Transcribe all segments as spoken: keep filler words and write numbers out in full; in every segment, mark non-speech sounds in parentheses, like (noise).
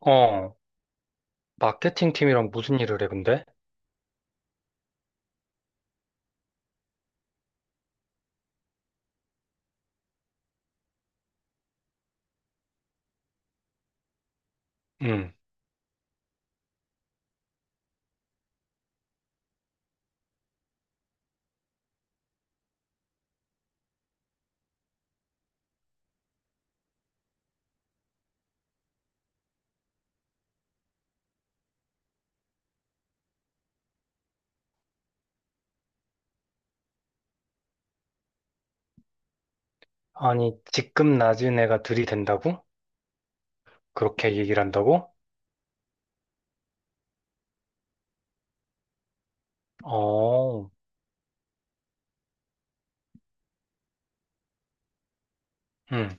어, 마케팅 팀이랑 무슨 일을 해, 근데? 응. 아니, 직급 낮은 애가 들이댄다고? 그렇게 얘기를 한다고? 어, 응.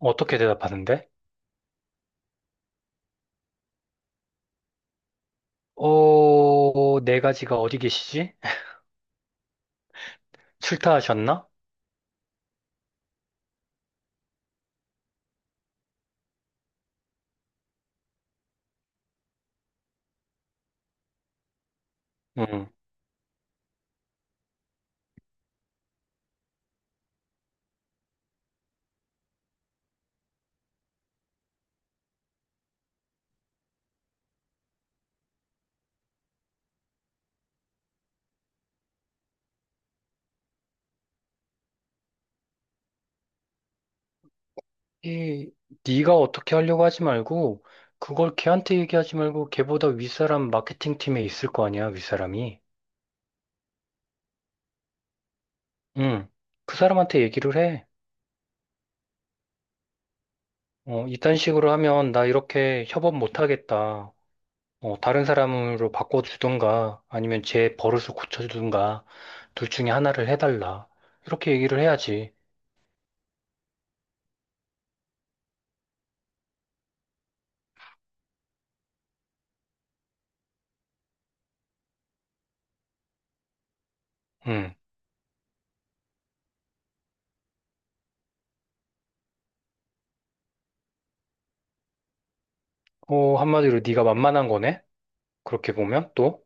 어떻게 대답하는데? 어, 네 가지가 어디 계시지? (laughs) 출타하셨나? 응. 이, 네가 어떻게 하려고 하지 말고, 그걸 걔한테 얘기하지 말고, 걔보다 윗사람 마케팅 팀에 있을 거 아니야, 윗사람이. 응. 그 사람한테 얘기를 해. 어, 이딴 식으로 하면 나 이렇게 협업 못 하겠다. 어, 다른 사람으로 바꿔주든가 아니면 제 버릇을 고쳐주든가 둘 중에 하나를 해달라. 이렇게 얘기를 해야지. 응. 어, 한마디로 네가 만만한 거네? 그렇게 보면 또?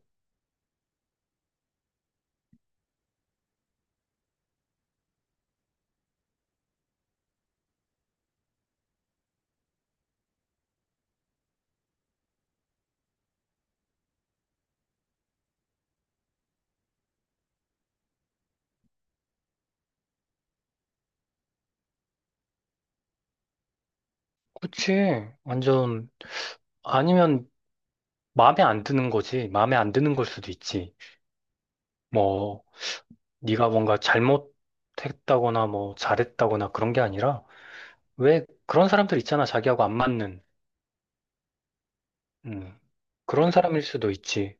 그치. 완전 아니면 마음에 안 드는 거지. 마음에 안 드는 걸 수도 있지. 뭐 네가 뭔가 잘못했다거나 뭐 잘했다거나 그런 게 아니라 왜 그런 사람들 있잖아. 자기하고 안 맞는. 음. 그런 사람일 수도 있지.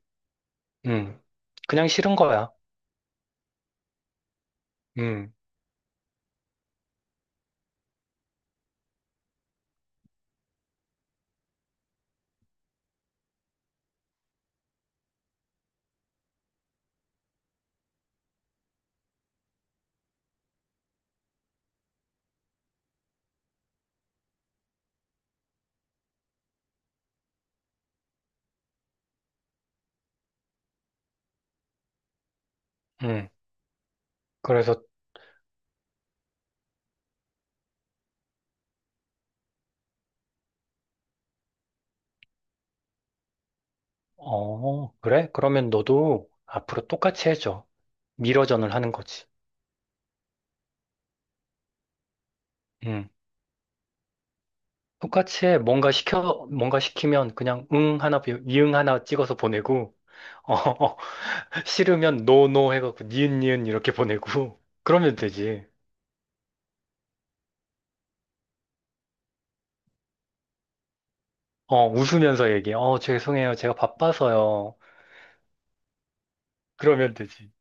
음. 그냥 싫은 거야. 음. 음. 그래서, 어, 그래? 그러면 너도 앞으로 똑같이 해줘. 미러전을 하는 거지. 응. 똑같이 해. 뭔가 시켜, 뭔가 시키면 그냥 응 하나, 비- 이응 하나 찍어서 보내고, 어, (laughs) 어, 싫으면 노노 해갖고 니은 니은 이렇게 보내고, (laughs) 그러면 되지. 어, 웃으면서 얘기해. 어, 죄송해요. 제가 바빠서요. 그러면 되지.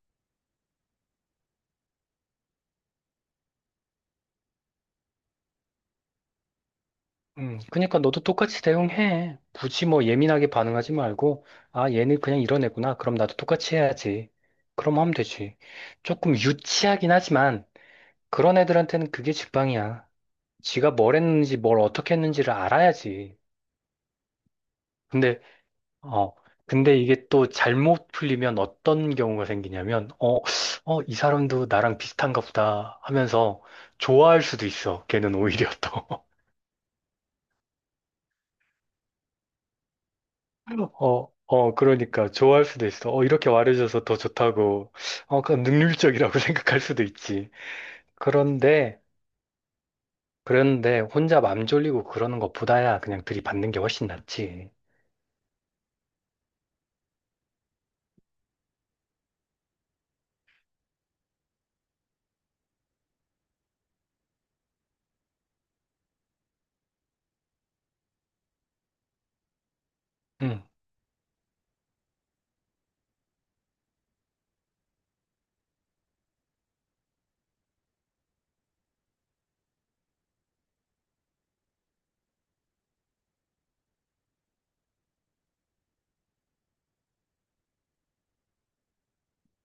음, 그러니까 너도 똑같이 대응해. 굳이 뭐 예민하게 반응하지 말고, 아, 얘는 그냥 이런 애구나. 그럼 나도 똑같이 해야지. 그럼 하면 되지. 조금 유치하긴 하지만, 그런 애들한테는 그게 직방이야. 지가 뭘 했는지, 뭘 어떻게 했는지를 알아야지. 근데, 어, 근데 이게 또 잘못 풀리면 어떤 경우가 생기냐면, 어, 어, 이 사람도 나랑 비슷한가 보다 하면서 좋아할 수도 있어. 걔는 오히려 또. 어, 어, 그러니까 좋아할 수도 있어. 어, 이렇게 말해줘서 더 좋다고. 어, 그냥 능률적이라고 (laughs) 생각할 수도 있지. 그런데, 그런데 혼자 맘 졸리고 그러는 것보다야 그냥 들이받는 게 훨씬 낫지. 응.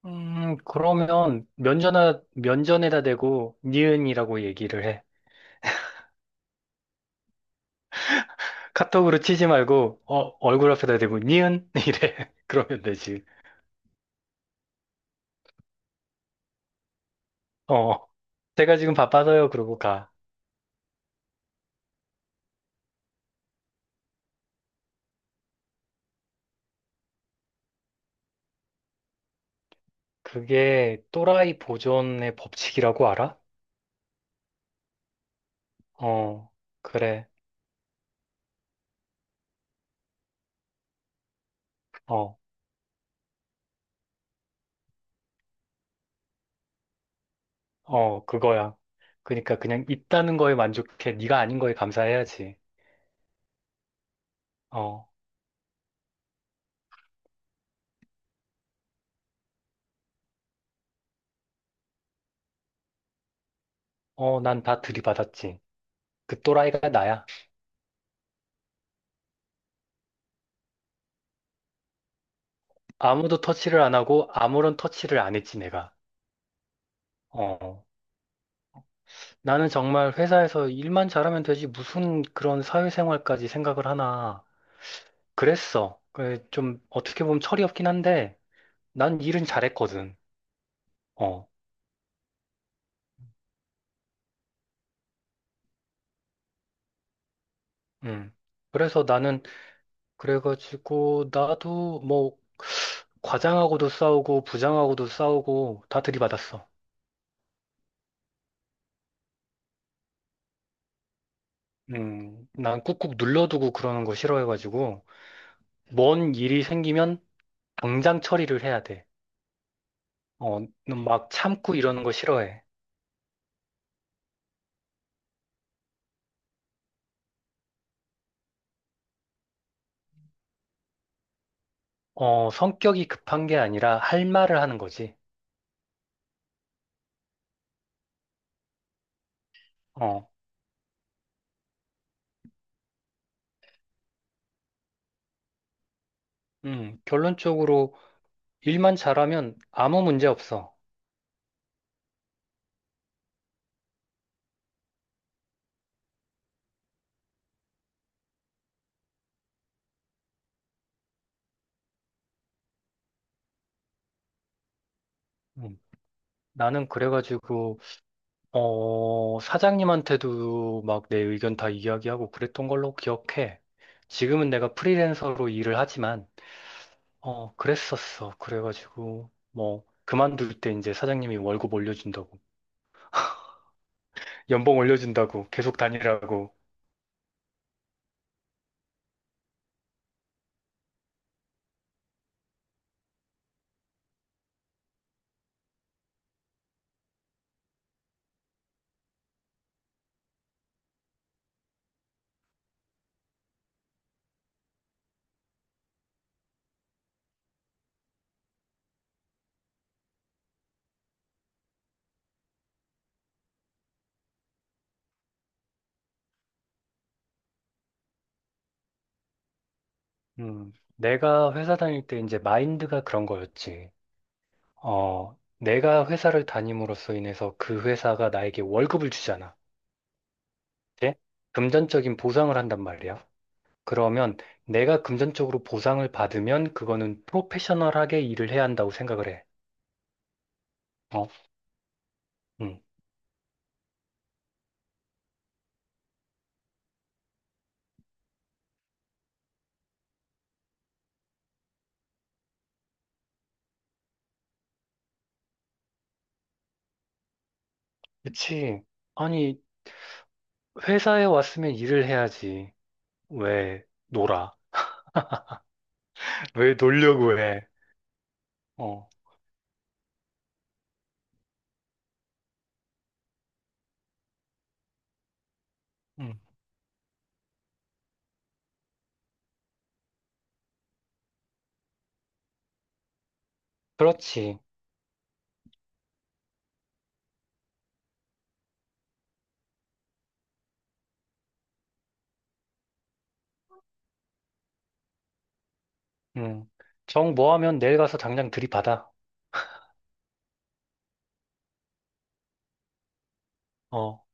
음, 그러면 면전에, 면전에다 대고 니은이라고 얘기를 해. 카톡으로 치지 말고, 어, 얼굴 앞에다 대고 니은? (laughs) 이래. 그러면 되지. 어. 제가 지금 바빠서요. 그러고 가. 그게 또라이 보존의 법칙이라고 알아? 어, 그래. 어, 어, 그거야. 그러니까 그냥 있다는 거에 만족해. 네가 아닌 거에 감사해야지. 어, 어, 난 다 들이받았지. 그 또라이가 나야. 아무도 터치를 안 하고 아무런 터치를 안 했지, 내가. 어, 나는 정말 회사에서 일만 잘하면 되지. 무슨 그런 사회생활까지 생각을 하나. 그랬어. 그래, 좀 어떻게 보면 철이 없긴 한데 난 일은 잘했거든. 어, 음. 그래서 나는 그래가지고 나도 뭐 과장하고도 싸우고 부장하고도 싸우고 다 들이받았어. 음, 난 꾹꾹 눌러두고 그러는 거 싫어해가지고 뭔 일이 생기면 당장 처리를 해야 돼. 어, 막 참고 이러는 거 싫어해. 어, 성격이 급한 게 아니라 할 말을 하는 거지. 어, 음, 결론적으로 일만 잘하면 아무 문제 없어. 음, 나는 그래가지고 어, 사장님한테도 막 내 의견 다 이야기하고 그랬던 걸로 기억해. 지금은 내가 프리랜서로 일을 하지만, 어, 그랬었어. 그래가지고, 뭐, 그만둘 때 이제 사장님이 월급 올려준다고, 연봉 올려준다고, 계속 다니라고. 음, 내가 회사 다닐 때 이제 마인드가 그런 거였지. 어, 내가 회사를 다님으로써 인해서 그 회사가 나에게 월급을 주잖아. 네? 금전적인 보상을 한단 말이야. 그러면 내가 금전적으로 보상을 받으면 그거는 프로페셔널하게 일을 해야 한다고 생각을 해. 어? 응. 그치. 아니, 회사에 왔으면 일을 해야지. 왜 놀아? (laughs) 왜 놀려고 해? 어. 응. 그렇지. 응. 정 뭐 하면 내일 가서 당장 들이받아. 어.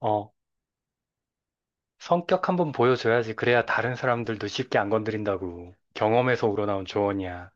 어. 성격 한번 보여줘야지. 그래야 다른 사람들도 쉽게 안 건드린다고. 경험에서 우러나온 조언이야.